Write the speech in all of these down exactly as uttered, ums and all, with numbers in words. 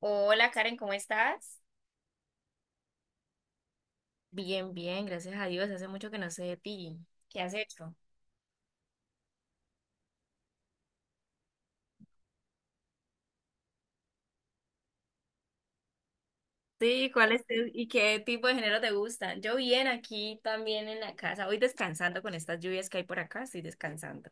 Hola Karen, ¿cómo estás? Bien, bien, gracias a Dios. Hace mucho que no sé de ti. ¿Qué has hecho? Sí, ¿cuál es tu- y qué tipo de género te gusta? Yo bien aquí también en la casa, hoy descansando con estas lluvias que hay por acá, estoy descansando.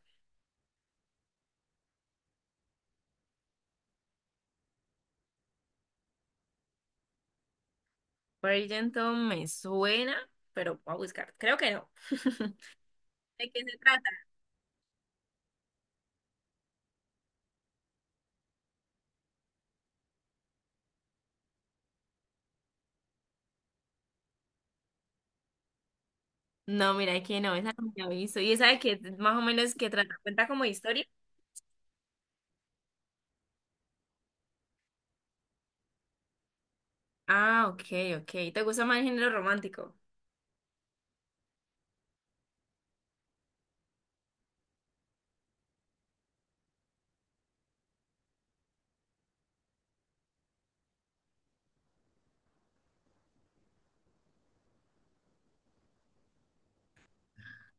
Bridgerton me suena, pero voy a buscar. Creo que no. ¿De qué se trata? No, mira, es que no, esa no me he visto. ¿Y esa de qué más o menos que trata? ¿Cuenta como historia? Ah, ok, ok. ¿Te gusta más el género romántico?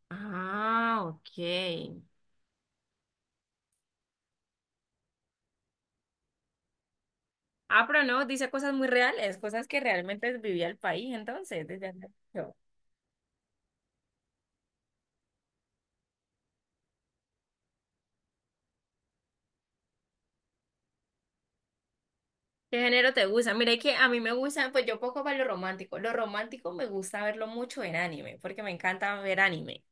Ah, ok. Ah, pero no, dice cosas muy reales, cosas que realmente vivía el país, entonces, desde hace mucho. ¿Qué género te gusta? Mira, es que a mí me gusta, pues yo poco para lo romántico. Lo romántico me gusta verlo mucho en anime, porque me encanta ver anime.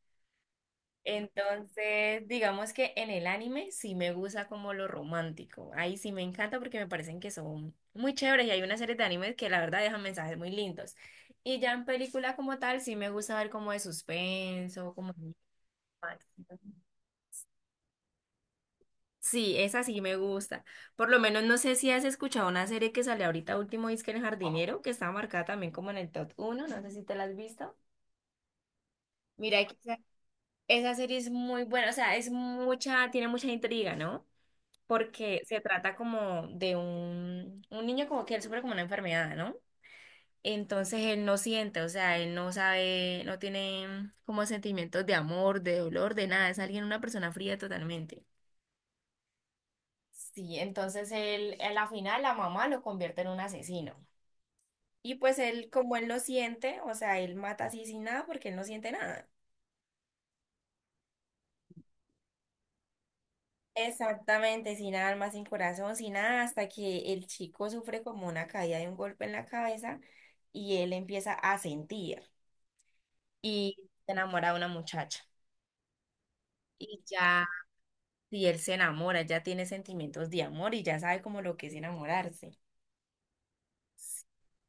Entonces, digamos que en el anime sí me gusta como lo romántico. Ahí sí me encanta porque me parecen que son muy chéveres y hay una serie de animes que la verdad dejan mensajes muy lindos. Y ya en película como tal sí me gusta ver como de suspenso, como de romance. Sí, esa sí me gusta. Por lo menos no sé si has escuchado una serie que sale ahorita último, es que El Jardinero, que está marcada también como en el top uno. No sé si te la has visto. Mira que esa, esa serie es muy buena, o sea, es mucha, tiene mucha intriga, ¿no? Porque se trata como de un, un niño como que él sufre como una enfermedad, ¿no? Entonces él no siente, o sea, él no sabe, no tiene como sentimientos de amor, de dolor, de nada, es alguien, una persona fría totalmente. Sí, entonces él, a la final la mamá lo convierte en un asesino. Y pues él, como él no siente, o sea, él mata así sin nada porque él no siente nada. Exactamente, sin alma, sin corazón, sin nada, hasta que el chico sufre como una caída de un golpe en la cabeza y él empieza a sentir y se enamora de una muchacha. Y ya, si él se enamora, ya tiene sentimientos de amor y ya sabe como lo que es enamorarse.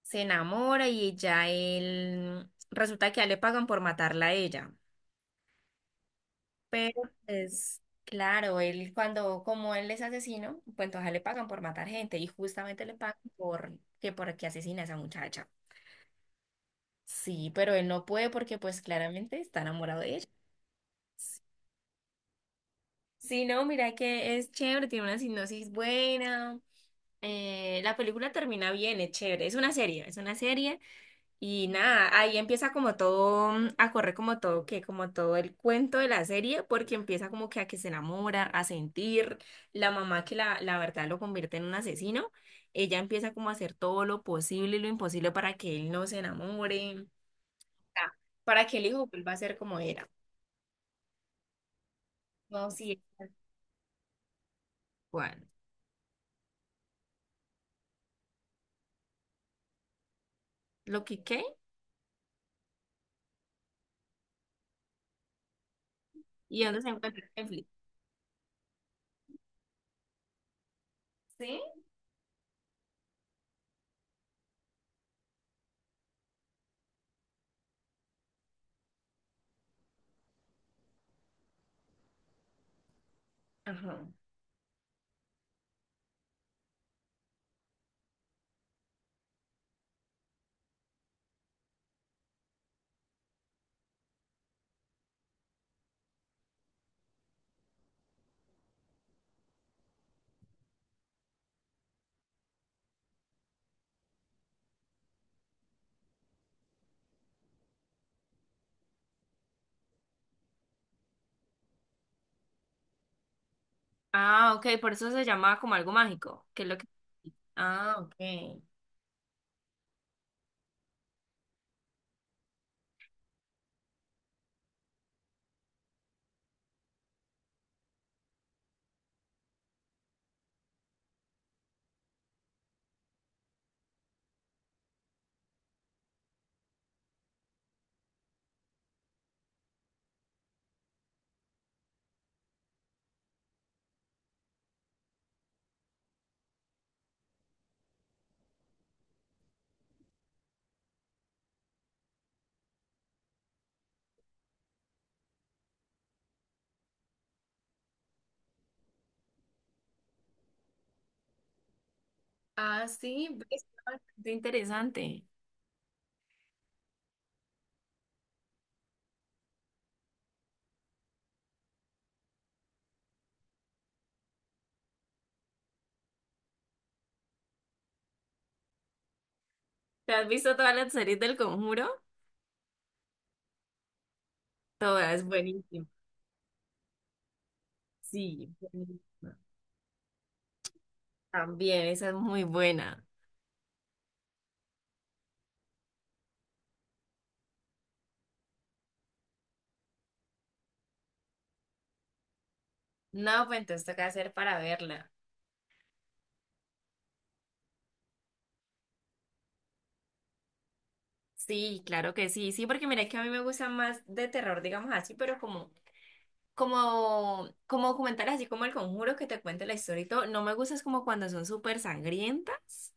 Se enamora y ya él, resulta que ya le pagan por matarla a ella. Pero pues claro, él cuando, como él es asesino, pues entonces a él le pagan por matar gente y justamente le pagan por que por que asesina a esa muchacha. Sí, pero él no puede porque pues claramente está enamorado de ella. Sí, no, mira que es chévere, tiene una sinopsis buena. Eh, la película termina bien, es chévere. Es una serie, es una serie. Y nada, ahí empieza como todo, mm, a correr como todo, que como todo el cuento de la serie, porque empieza como que a que se enamora, a sentir, la mamá que la, la verdad lo convierte en un asesino, ella empieza como a hacer todo lo posible y lo imposible para que él no se enamore, ah, para que el hijo vuelva a ser como era. No, sí. Igual lo que qué y dónde se encuentra en Netflix. ¿Sí? Ajá. Ah, ok, por eso se llama como algo mágico, que es lo que... Ah, ok. Ah, sí, ¿ves? Ah, qué interesante. ¿Te has visto todas las series del Conjuro? Todas, buenísimo. Sí, buenísima. También, esa es muy buena. No, pues entonces toca hacer para verla. Sí, claro que sí, sí, porque mira que a mí me gusta más de terror, digamos así, pero como, como, como documentales así como El Conjuro que te cuente la historia y todo, no me gusta es como cuando son súper sangrientas,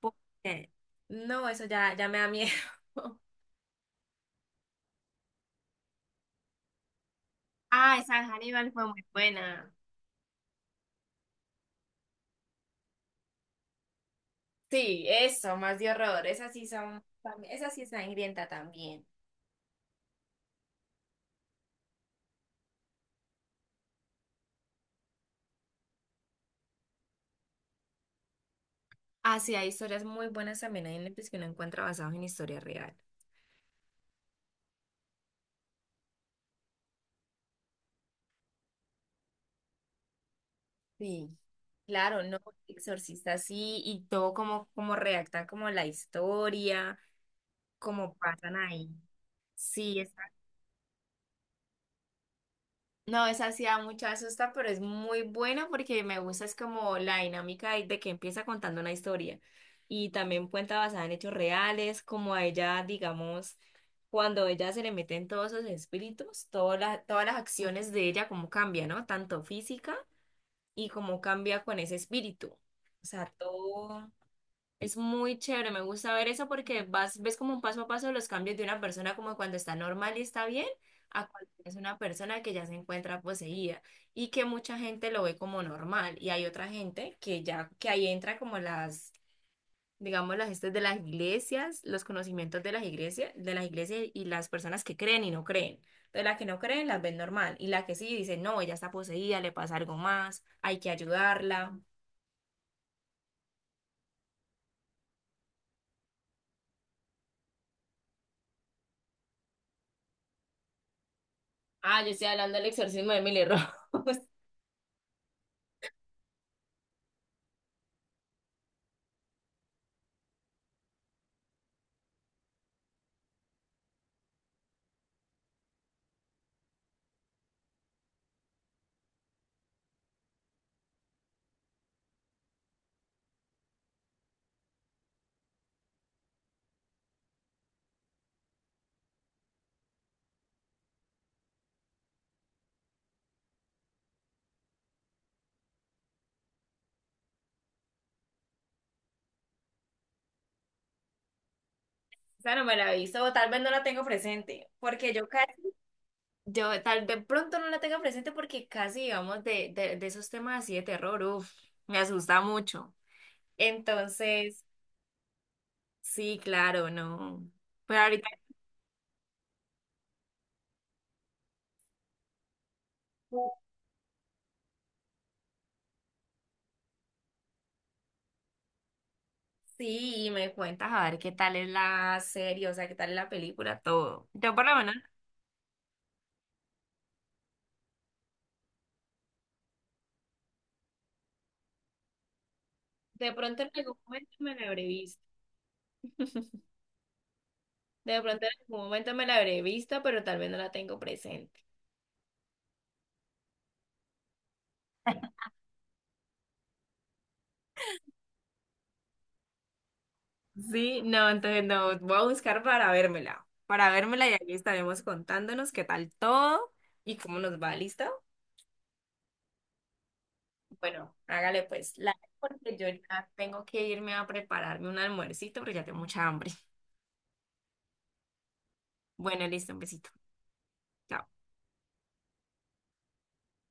porque no, eso ya, ya me da miedo. Ah, esa de Hannibal fue muy buena. Sí, eso, más de horror. Esas sí son, también- esa sí es sangrienta también. Ah, sí, hay historias muy buenas también hay Netflix que uno encuentra basados en historia real. Sí. Claro, no, Exorcista sí, y todo como, como redactan como la historia, como pasan ahí. Sí, no, esa sí da mucha susta, pero es muy buena porque me gusta es como la dinámica de, de que empieza contando una historia y también cuenta basada en hechos reales, como a ella, digamos, cuando ella se le meten todos esos espíritus, todas las, todas las acciones de ella, cómo cambia, ¿no? Tanto física y cómo cambia con ese espíritu. O sea, todo. Es muy chévere, me gusta ver eso porque vas, ves como un paso a paso los cambios de una persona como cuando está normal y está bien, a cuando es una persona que ya se encuentra poseída y que mucha gente lo ve como normal y hay otra gente que ya, que ahí entra como las, digamos, las estas de las iglesias, los conocimientos de las iglesias, de las iglesias y las personas que creen y no creen. Entonces la que no creen las ven normal y la que sí dice, no, ella está poseída, le pasa algo más, hay que ayudarla. Ah, yo estoy hablando del exorcismo de Emily Rose. Esa no me la aviso, o tal vez no la tengo presente, porque yo casi, yo tal vez pronto no la tenga presente porque casi, digamos, de, de, de esos temas así de terror, uff, me asusta mucho. Entonces, sí, claro, no. Pero ahorita tú sí, y me cuentas a ver qué tal es la serie, o sea, qué tal es la película, todo. Yo por lo menos, de pronto en algún momento me la habré visto. De pronto en algún momento me la habré visto, pero tal vez no la tengo presente. Sí, no, entonces no, voy a buscar para vérmela, para vérmela y ahí estaremos contándonos qué tal todo y cómo nos va, ¿listo? Bueno, hágale pues, la porque yo ya tengo que irme a prepararme un almuercito porque ya tengo mucha hambre. Bueno, listo, un besito. Chao.